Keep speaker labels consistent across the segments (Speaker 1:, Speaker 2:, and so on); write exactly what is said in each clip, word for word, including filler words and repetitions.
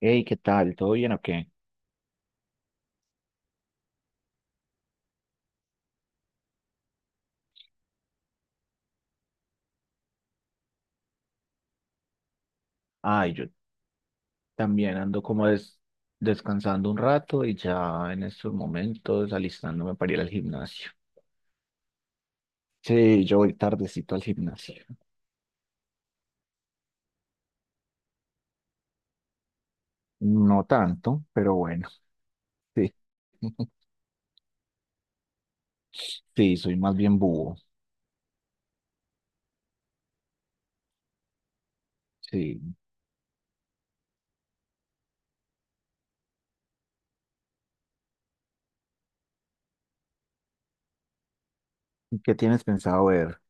Speaker 1: Hey, ¿qué tal? ¿Todo bien o qué? Ay, yo también ando como des- descansando un rato y ya en estos momentos alistándome para ir al gimnasio. Sí, yo voy tardecito al gimnasio. No tanto, pero bueno, sí. Sí, soy más bien búho. Sí. ¿Y ¿Qué tienes pensado ver?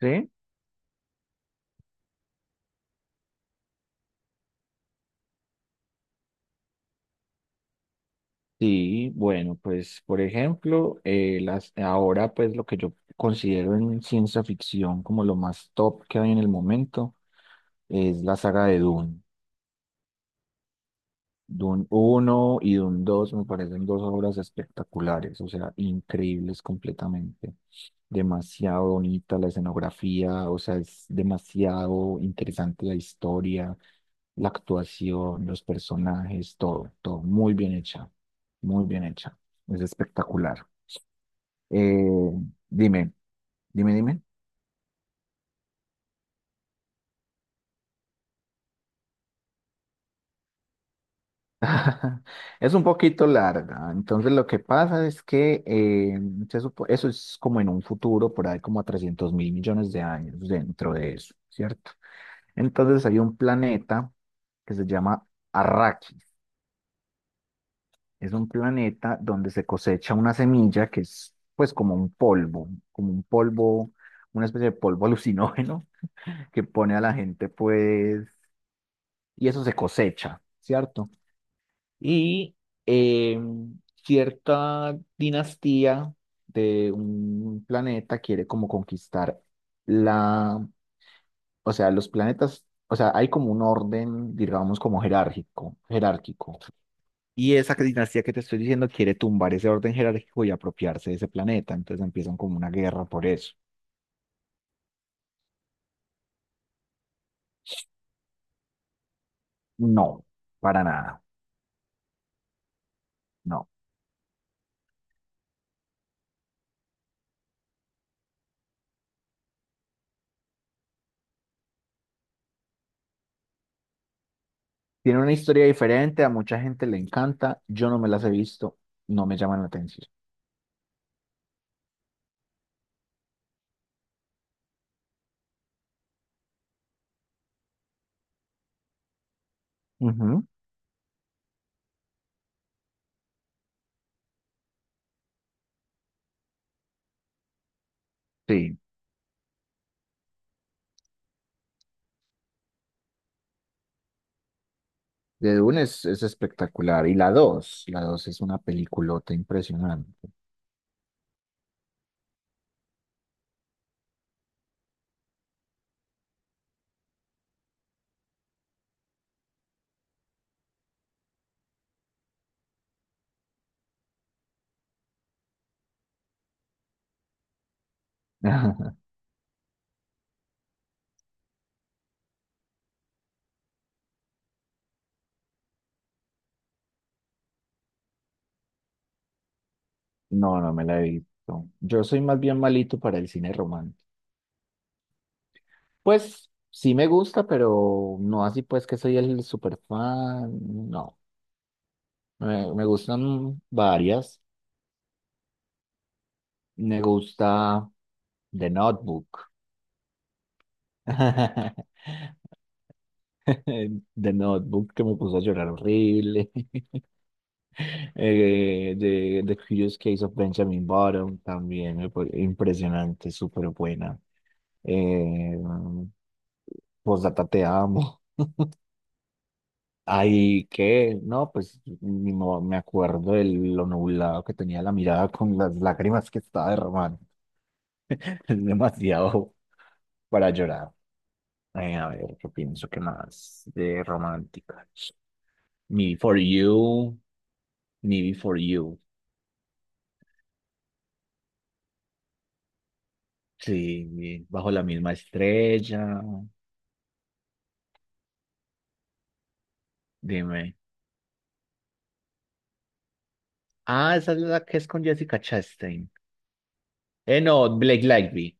Speaker 1: ¿Sí? Sí, bueno, pues por ejemplo, eh, las, ahora pues lo que yo considero en ciencia ficción como lo más top que hay en el momento es la saga de Dune. Dune uno y Dune dos me parecen dos obras espectaculares, o sea, increíbles completamente. Demasiado bonita la escenografía, o sea, es demasiado interesante la historia, la actuación, los personajes, todo, todo muy bien hecha, muy bien hecha. Es espectacular. Eh, dime, dime, dime. Es un poquito larga. Entonces, lo que pasa es que eh, se supo- eso es como en un futuro, por ahí como a trescientos mil millones de años dentro de eso, ¿cierto? Entonces, hay un planeta que se llama Arrakis. Es un planeta donde se cosecha una semilla que es, pues, como un polvo, como un polvo, una especie de polvo alucinógeno que pone a la gente, pues, y eso se cosecha, ¿cierto? Y eh, cierta dinastía de un planeta quiere como conquistar la, o sea, los planetas, o sea, hay como un orden, digamos, como jerárquico, jerárquico. Y esa dinastía que te estoy diciendo quiere tumbar ese orden jerárquico y apropiarse de ese planeta, entonces empiezan como una guerra por eso. No, para nada, no. Tiene una historia diferente, a mucha gente le encanta, yo no me las he visto, no me llaman la atención. Ujú, sí. De Dune es, es espectacular. Y la dos, la dos es una peliculota impresionante. No, no me la he visto. Yo soy más bien malito para el cine romántico. Pues sí me gusta, pero no así pues que soy el super fan. No, me, me gustan varias. Me gusta The Notebook. The Notebook que me puso a llorar horrible. Eh, de The Curious Case of Benjamin Button, también me pare- impresionante, súper buena. Eh, Postdata te amo. Ahí que, no, pues ni mo- me acuerdo de lo nublado que tenía la mirada con las lágrimas que estaba derramando. Es demasiado para llorar. Eh, a ver, yo pienso que más de romántica. Me Before You, Me Before You. Sí, Bajo la misma estrella. Dime. Ah, esa es la que es con Jessica Chastain. Eh, no, Blake Lively.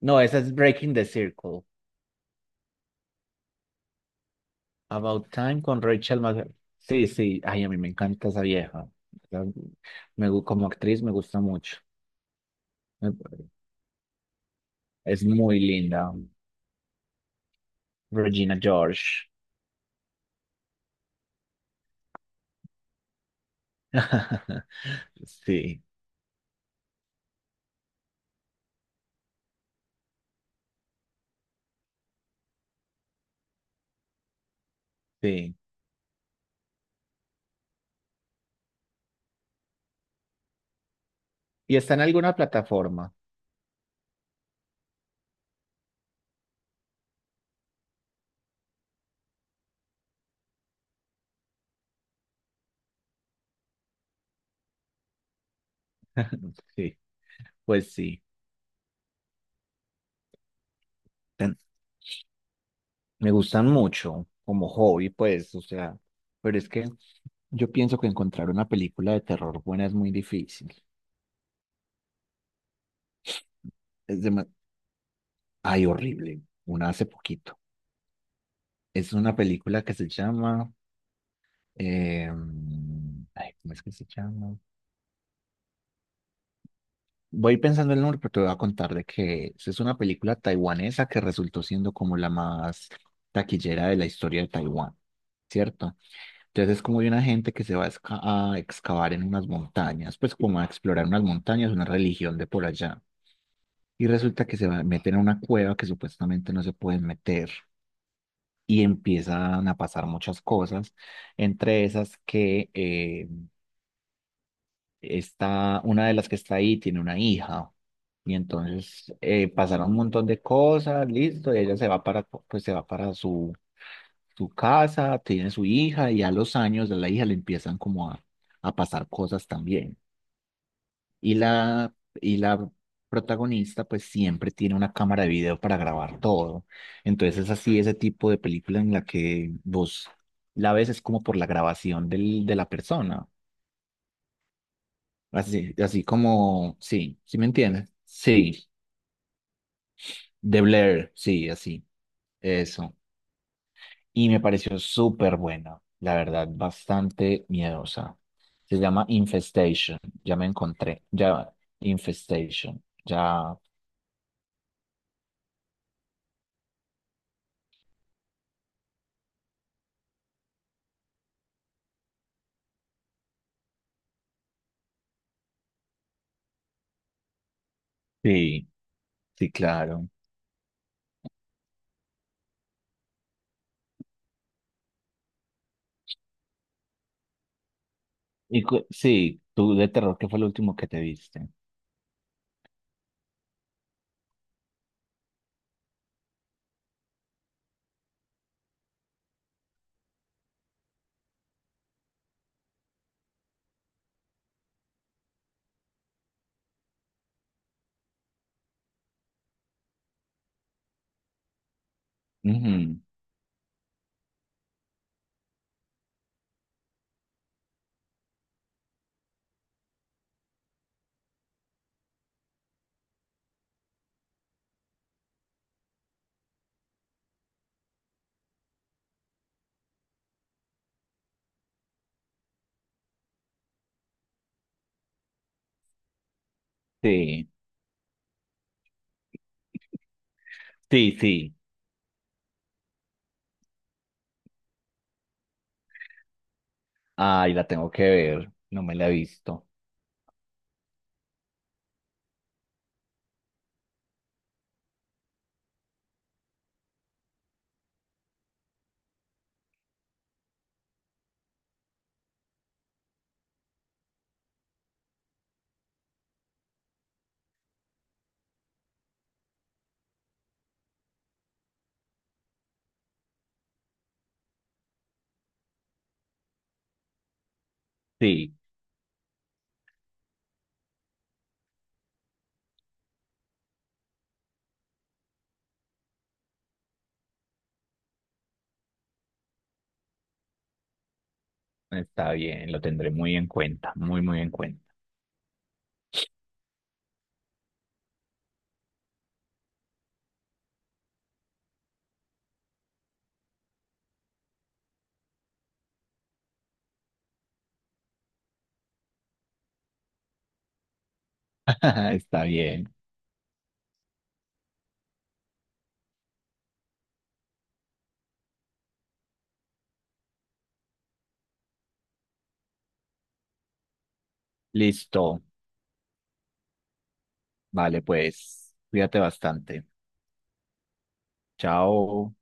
Speaker 1: No, esa es Breaking the Circle. About Time con Rachel McAdams. Sí, sí. Ay, a mí me encanta esa vieja. La- Me, gu- como actriz me gusta mucho. Me- Es muy linda. Regina George. Sí, sí. ¿Y está en alguna plataforma? Sí, pues sí. Me gustan mucho como hobby, pues, o sea, pero es que yo pienso que encontrar una película de terror buena es muy difícil. Es de... Ay, horrible. Una hace poquito. Es una película que se llama... eh, ay, ¿cómo es que se llama? Voy pensando el nombre, pero te voy a contar de que es. Es una película taiwanesa que resultó siendo como la más taquillera de la historia de Taiwán, ¿cierto? Entonces es como de una gente que se va a, esca- a excavar en unas montañas, pues como a explorar unas montañas, una religión de por allá. Y resulta que se va a meter en una cueva que supuestamente no se pueden meter y empiezan a pasar muchas cosas, entre esas que eh, está, una de las que está ahí tiene una hija. Y entonces eh, pasaron un montón de cosas, listo, y ella se va para, pues se va para su su casa, tiene su hija y a los años de la hija le empiezan como a, a pasar cosas también. Y la, y la protagonista pues siempre tiene una cámara de video para grabar todo. Entonces es así ese tipo de película en la que vos la ves es como por la grabación del, de la persona. Así, así como, sí, ¿sí me entiendes? Sí, de Blair, sí, así, eso. Y me pareció súper buena, la verdad, bastante miedosa. Se llama Infestation, ya me encontré, ya, Infestation, ya. Sí, sí, claro. Y cu- sí, tú de terror, ¿qué fue lo último que te viste? Ujú, sí, sí, sí. Ay, la tengo que ver, no me la he visto. Sí, está bien, lo tendré muy en cuenta, muy, muy en cuenta. Está bien. Listo. Vale, pues, cuídate bastante. Chao.